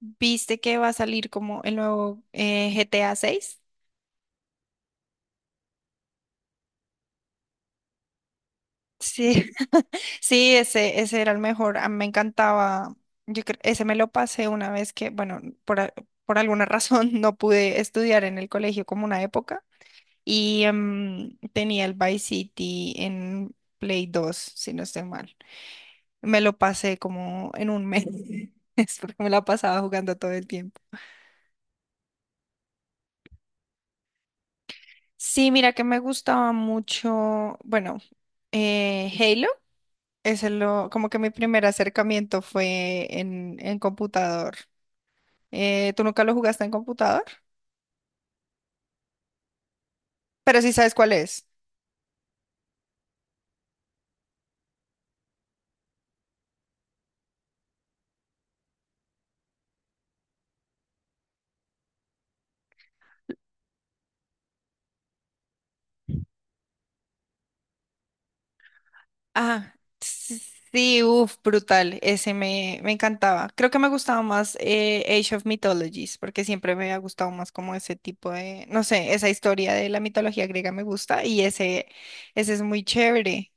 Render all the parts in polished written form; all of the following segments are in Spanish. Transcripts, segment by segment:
¿Viste que va a salir como el nuevo GTA 6? Sí, sí, ese era el mejor. A mí me encantaba. Ese me lo pasé una vez que, bueno, por alguna razón no pude estudiar en el colegio como una época y tenía el Vice City en Play 2 si no estoy mal. Me lo pasé como en un mes, es porque me la pasaba jugando todo el tiempo. Sí, mira que me gustaba mucho, bueno, Halo. Como que mi primer acercamiento fue en computador. ¿Tú nunca lo jugaste en computador? Pero sí sabes cuál es. Ah, s- sí, uff, brutal. Me encantaba. Creo que me gustaba más Age of Mythologies, porque siempre me ha gustado más como ese tipo de, no sé, esa historia de la mitología griega me gusta y ese es muy chévere.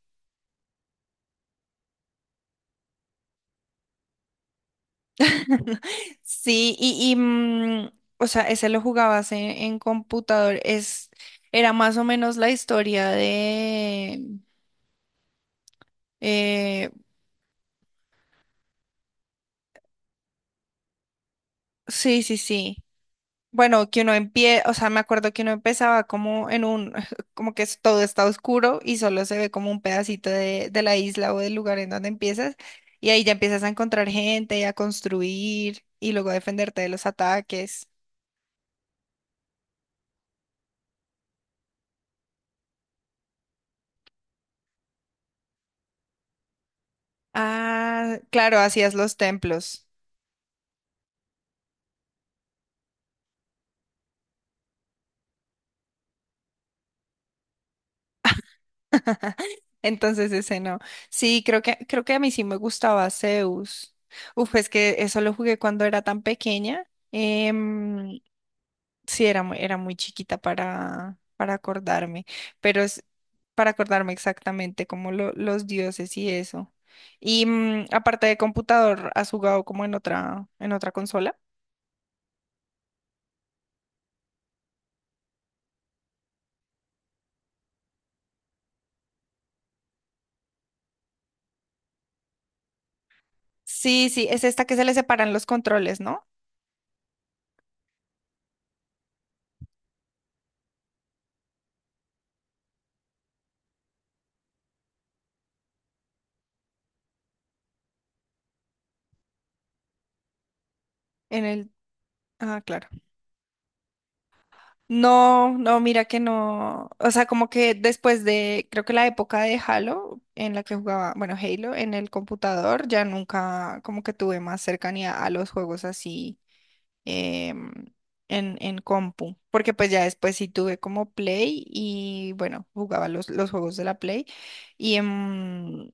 Sí, o sea, ese lo jugabas en computador. Es, era más o menos la historia de... eh, sí, sí, sí. Bueno, que uno empieza, o sea, me acuerdo que uno empezaba como en un, todo está oscuro y solo se ve como un pedacito de la isla o del lugar en donde empiezas. Y ahí ya empiezas a encontrar gente, a construir y luego a defenderte de los ataques. Ah, claro, hacías los templos. Entonces ese no. Sí, creo que a mí sí me gustaba Zeus. Uf, es que eso lo jugué cuando era tan pequeña. Em, sí, era muy chiquita para acordarme, pero es para acordarme exactamente como los dioses y eso. Y mm, aparte de computador, ¿has jugado como en otra consola? Sí, sí, es esta que se le separan los controles, ¿no? En el... Ah, claro. No, no, mira que no. O sea, como que después de, creo que la época de Halo, en la que jugaba, bueno, Halo en el computador, ya nunca como que tuve más cercanía a los juegos así em, en compu. Porque pues ya después sí tuve como Play y bueno, jugaba los juegos de la Play. Y em,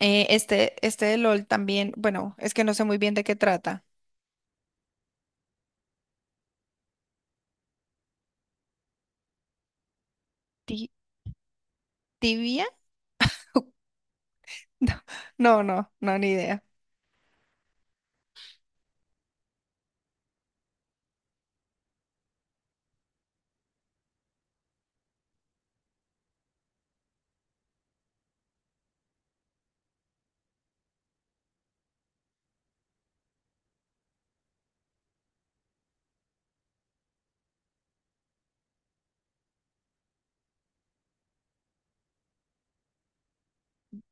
eh, este, este de LOL también, bueno, es que no sé muy bien de qué trata. Ti- ¿Tibia? No, no, no, ni idea.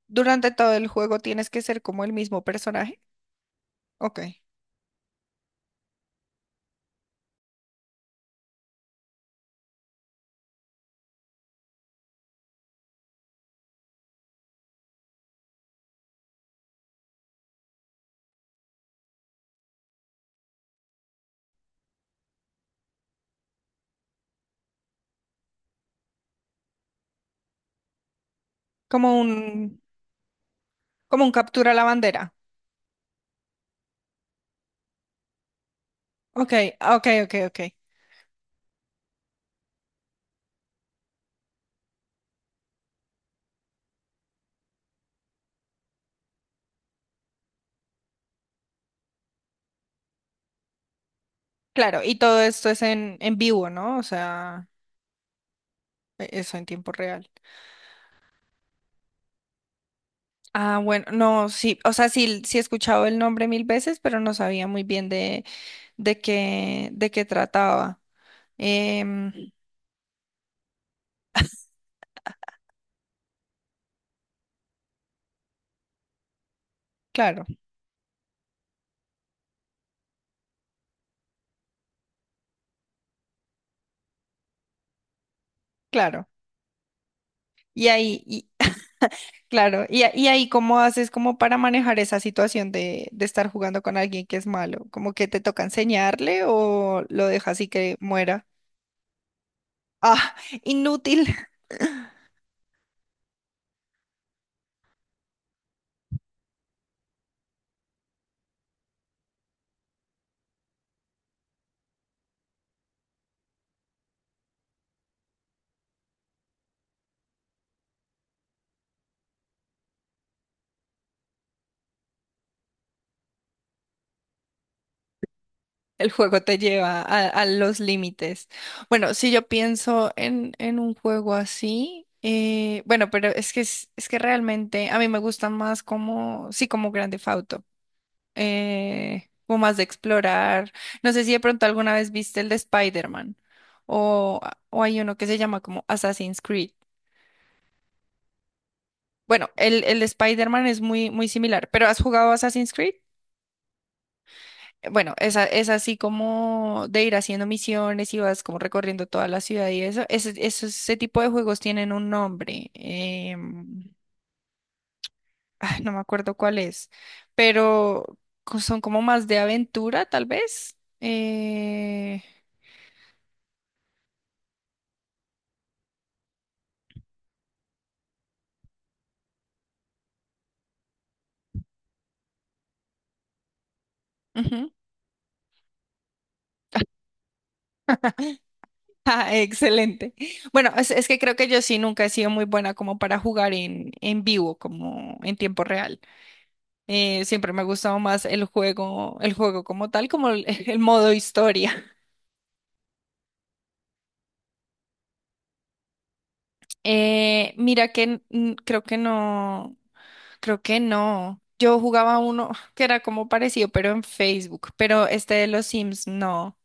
Durante todo el juego tienes que ser como el mismo personaje. Ok. Como un, como un captura la bandera. Ok, ok, ok, ok. Claro, y todo esto es en vivo, ¿no? O sea, eso en tiempo real. Ah, bueno, no, sí, o sea, sí, sí he escuchado el nombre mil veces, pero no sabía muy bien de qué trataba. Em, claro, claro. Y ahí, y, claro, y ahí cómo haces como para manejar esa situación de estar jugando con alguien que es malo, como que te toca enseñarle o lo dejas así que muera. Ah, inútil. El juego te lleva a los límites. Bueno, si yo pienso en un juego así, bueno, pero es que es que realmente a mí me gustan más como, sí, como Grand Theft Auto. Como más de explorar. No sé si de pronto alguna vez viste el de Spider-Man o, o hay uno que se llama como Assassin's Creed. Bueno, el de Spider-Man es muy, muy similar, pero ¿has jugado Assassin's Creed? Bueno, esa, es así como de ir haciendo misiones y vas como recorriendo toda la ciudad y eso. Ese tipo de juegos tienen un nombre. Ah, no me acuerdo cuál es, pero son como más de aventura, tal vez. Ah, excelente. Bueno, es que creo que yo sí nunca he sido muy buena como para jugar en vivo, como en tiempo real. Siempre me ha gustado más el juego como tal, como el, el modo historia. Mira que creo que no, creo que no. Yo jugaba uno que era como parecido, pero en Facebook, pero este de los Sims no.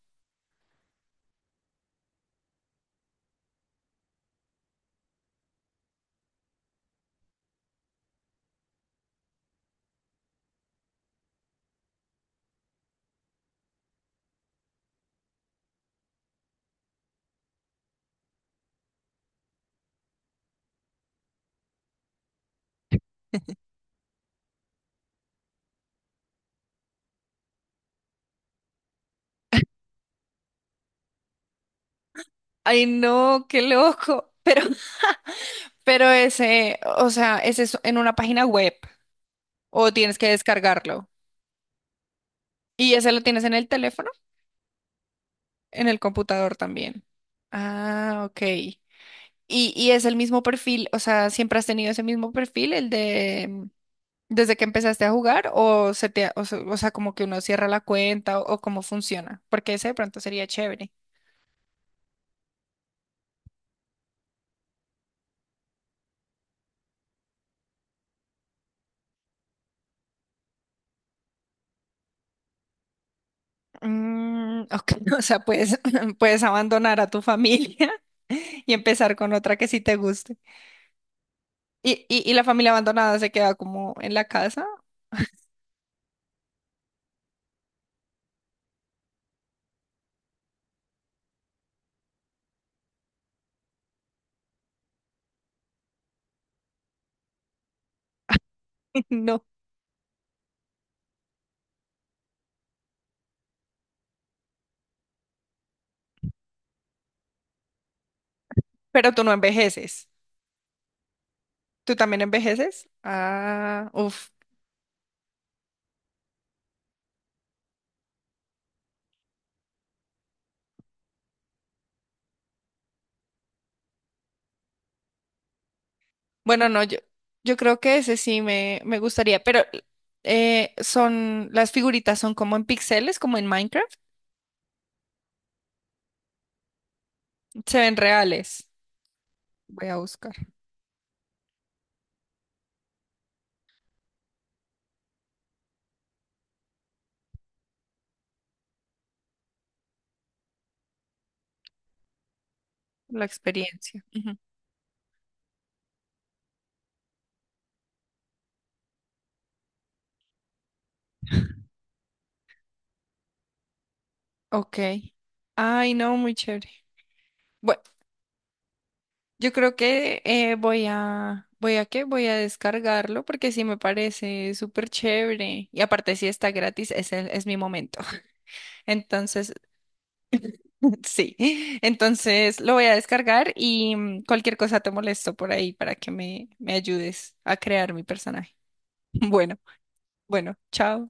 Ay, no, qué loco. Pero, pero ese, o sea, ese es en una página web o tienes que descargarlo. ¿Y ese lo tienes en el teléfono? En el computador también. Ah, ok. ¿Y es el mismo perfil? O sea, ¿siempre has tenido ese mismo perfil, el de mm, desde que empezaste a jugar? ¿O se te, ha- o, se- o sea, como que uno cierra la cuenta o cómo funciona? Porque ese de pronto sería chévere. Mm, ok, o sea, puedes, puedes abandonar a tu familia y empezar con otra que sí te guste. ¿Y la familia abandonada se queda como en la casa? No. Pero tú no envejeces. ¿Tú también envejeces? Ah, uff. Bueno, no, yo creo que ese sí me gustaría, pero las figuritas son como en píxeles, como en Minecraft. Se ven reales. Voy a buscar la experiencia. Ujú. Ok. Ay, no, muy chévere. Bueno, yo creo que ¿voy a qué? Voy a descargarlo porque sí me parece súper chévere. Y aparte, si está gratis, ese es mi momento. Entonces. Sí, entonces lo voy a descargar y mm, cualquier cosa te molesto por ahí para que me ayudes a crear mi personaje. Bueno, bueno, chao.